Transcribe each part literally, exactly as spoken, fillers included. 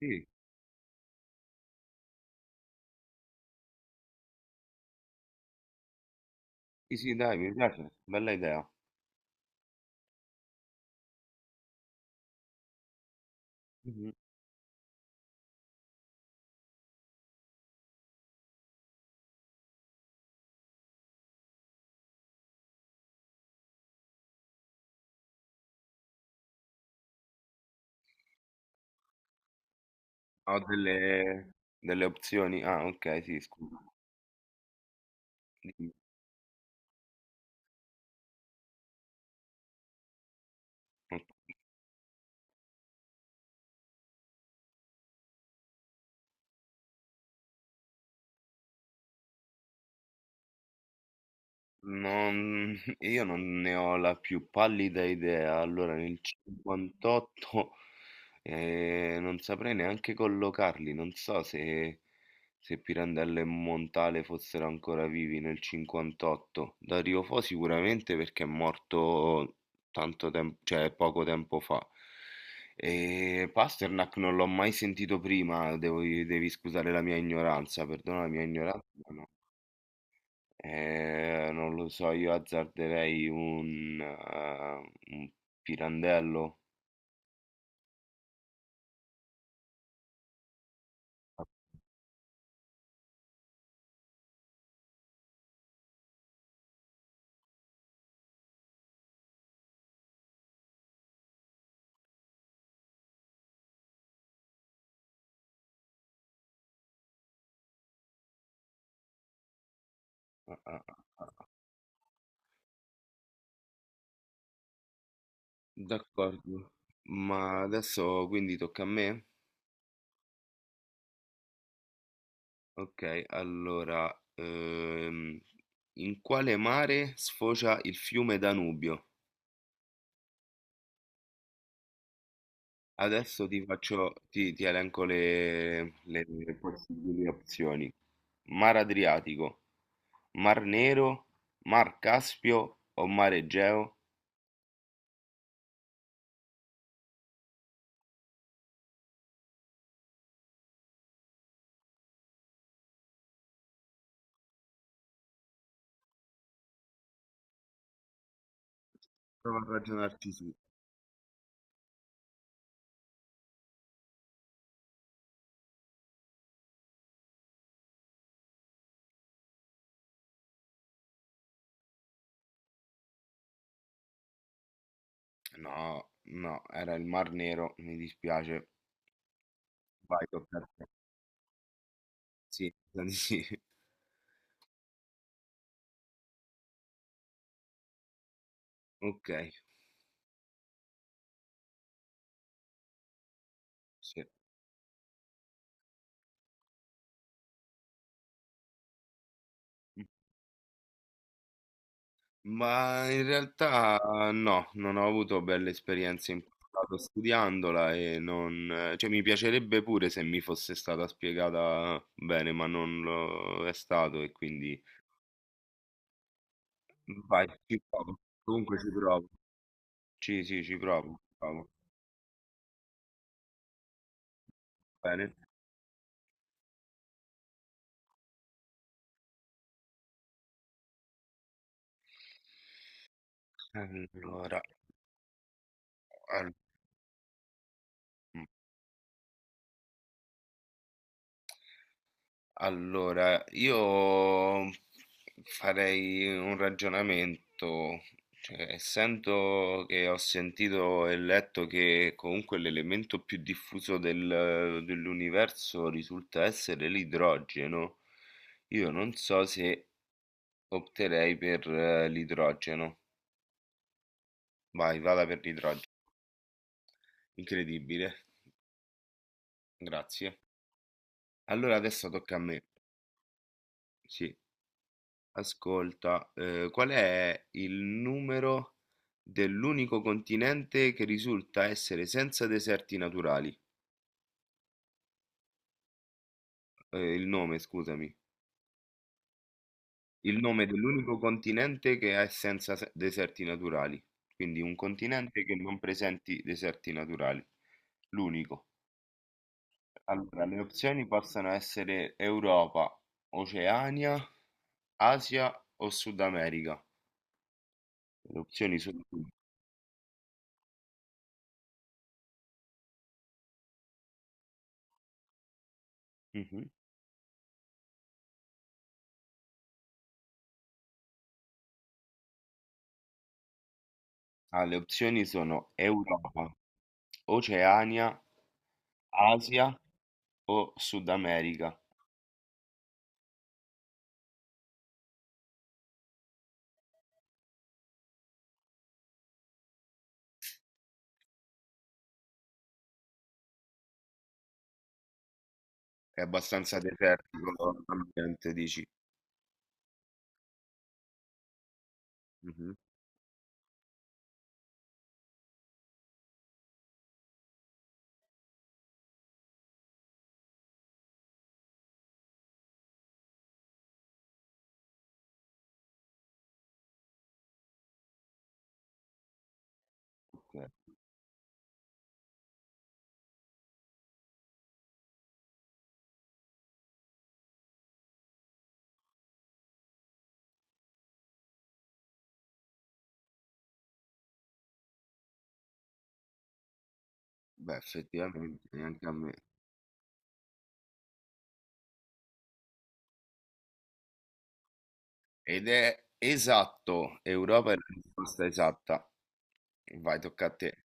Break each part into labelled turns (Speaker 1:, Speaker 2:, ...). Speaker 1: Sì, sì, sì, dai, mi piace, bella idea. Mhm. Ho delle, delle opzioni. Ah, ok, sì, scusa. Dimmi. Non, io non ne ho la più pallida idea. Allora, nel cinquantotto eh, non saprei neanche collocarli. Non so se, se Pirandello e Montale fossero ancora vivi nel cinquantotto. Dario Fo sicuramente perché è morto tanto tempo, cioè poco tempo fa. E Pasternak non l'ho mai sentito prima. Devo, devi scusare la mia ignoranza, perdona la mia ignoranza. Eh, non lo so, io azzarderei un, eh, un pirandello. Ah, ah, ah. D'accordo. Ma adesso quindi tocca a me? Ok, allora, ehm, in quale mare sfocia il fiume Danubio? Adesso ti faccio, ti, ti elenco le, le possibili opzioni. Mar Adriatico, Mar Nero, Mar Caspio o Mar Egeo? Prova a ragionarci su. No, no, era il Mar Nero, mi dispiace. Vai, tocca a te. Sì, mi sa di sì. Ok, sì. Ma in realtà no, non ho avuto belle esperienze in passato studiandola e non, cioè mi piacerebbe pure se mi fosse stata spiegata bene, ma non lo è stato e quindi vai, ci provo. Comunque ci provo. Sì, sì, ci provo. Ci provo. Bene. Allora, al- Allora, io farei un ragionamento, cioè, essendo che ho sentito e letto che comunque l'elemento più diffuso del- dell'universo risulta essere l'idrogeno, io non so se opterei per eh, l'idrogeno. Vai, vada per l'idrogeno. Incredibile, grazie. Allora adesso tocca a me. Sì. Ascolta, eh, qual è il numero dell'unico continente che risulta essere senza deserti naturali? Eh, il nome, scusami. Il nome dell'unico continente che è senza se- deserti naturali. Quindi un continente che non presenti deserti naturali. L'unico. Allora, le opzioni possono essere Europa, Oceania, Asia o Sud America. Le opzioni sono... Mhm. Ah, le opzioni sono Europa. Oceania, Asia o Sud America? È abbastanza desertico l'ambiente, dici? Mhm. Ok. Beh, effettivamente, neanche a me. Ed è esatto, Europa è la risposta esatta. Vai, tocca a te.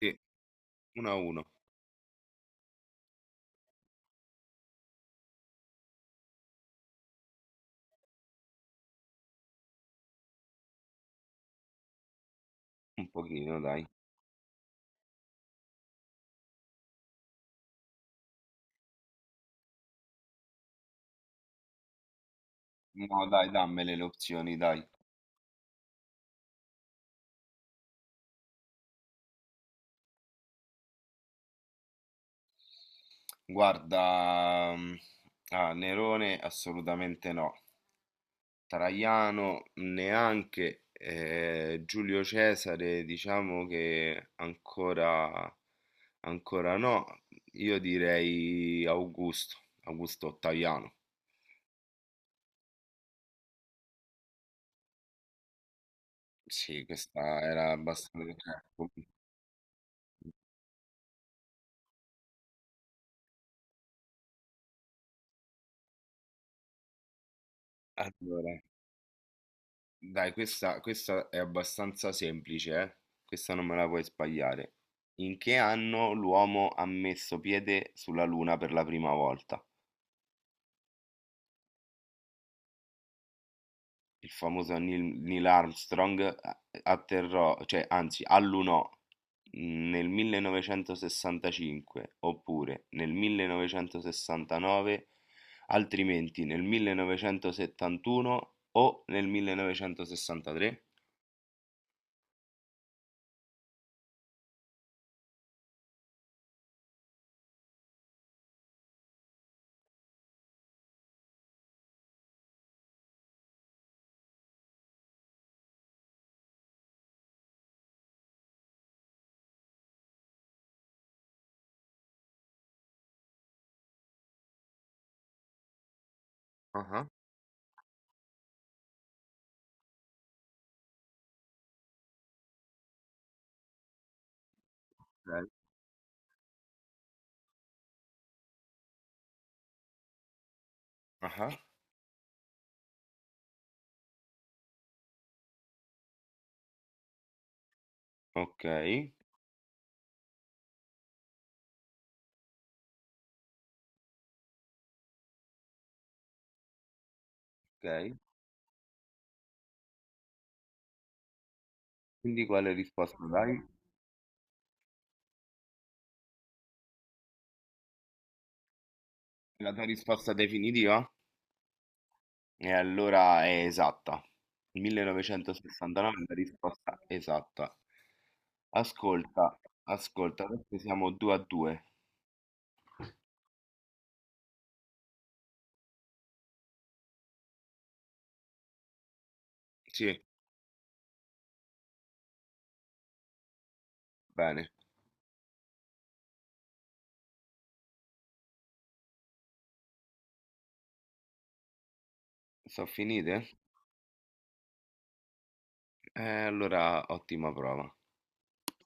Speaker 1: Sì, uno a uno, un pochino, dai. No, dai, dammele le opzioni, dai. Guarda, mm, ah, Nerone assolutamente no. Traiano neanche, eh, Giulio Cesare diciamo che ancora, ancora no, io direi Augusto, Augusto Ottaviano, sì, questa era abbastanza, cioè, com-. Allora, dai questa, questa è abbastanza semplice, eh? Questa non me la puoi sbagliare. In che anno l'uomo ha messo piede sulla Luna per la prima volta? Il famoso Neil, Neil Armstrong eh, atterrò, cioè anzi allunò nel millenovecentosessantacinque oppure nel millenovecentosessantanove, altrimenti nel millenovecentosettantuno o nel millenovecentosessantatré? Ah, ok, ah, ok, ok. Quindi quale risposta dai? La tua risposta definitiva? E allora è esatta. millenovecentosessantanove è la risposta esatta. Ascolta, ascolta, adesso siamo due a due. Sì, bene. Sono finite? Eh, allora ottima prova.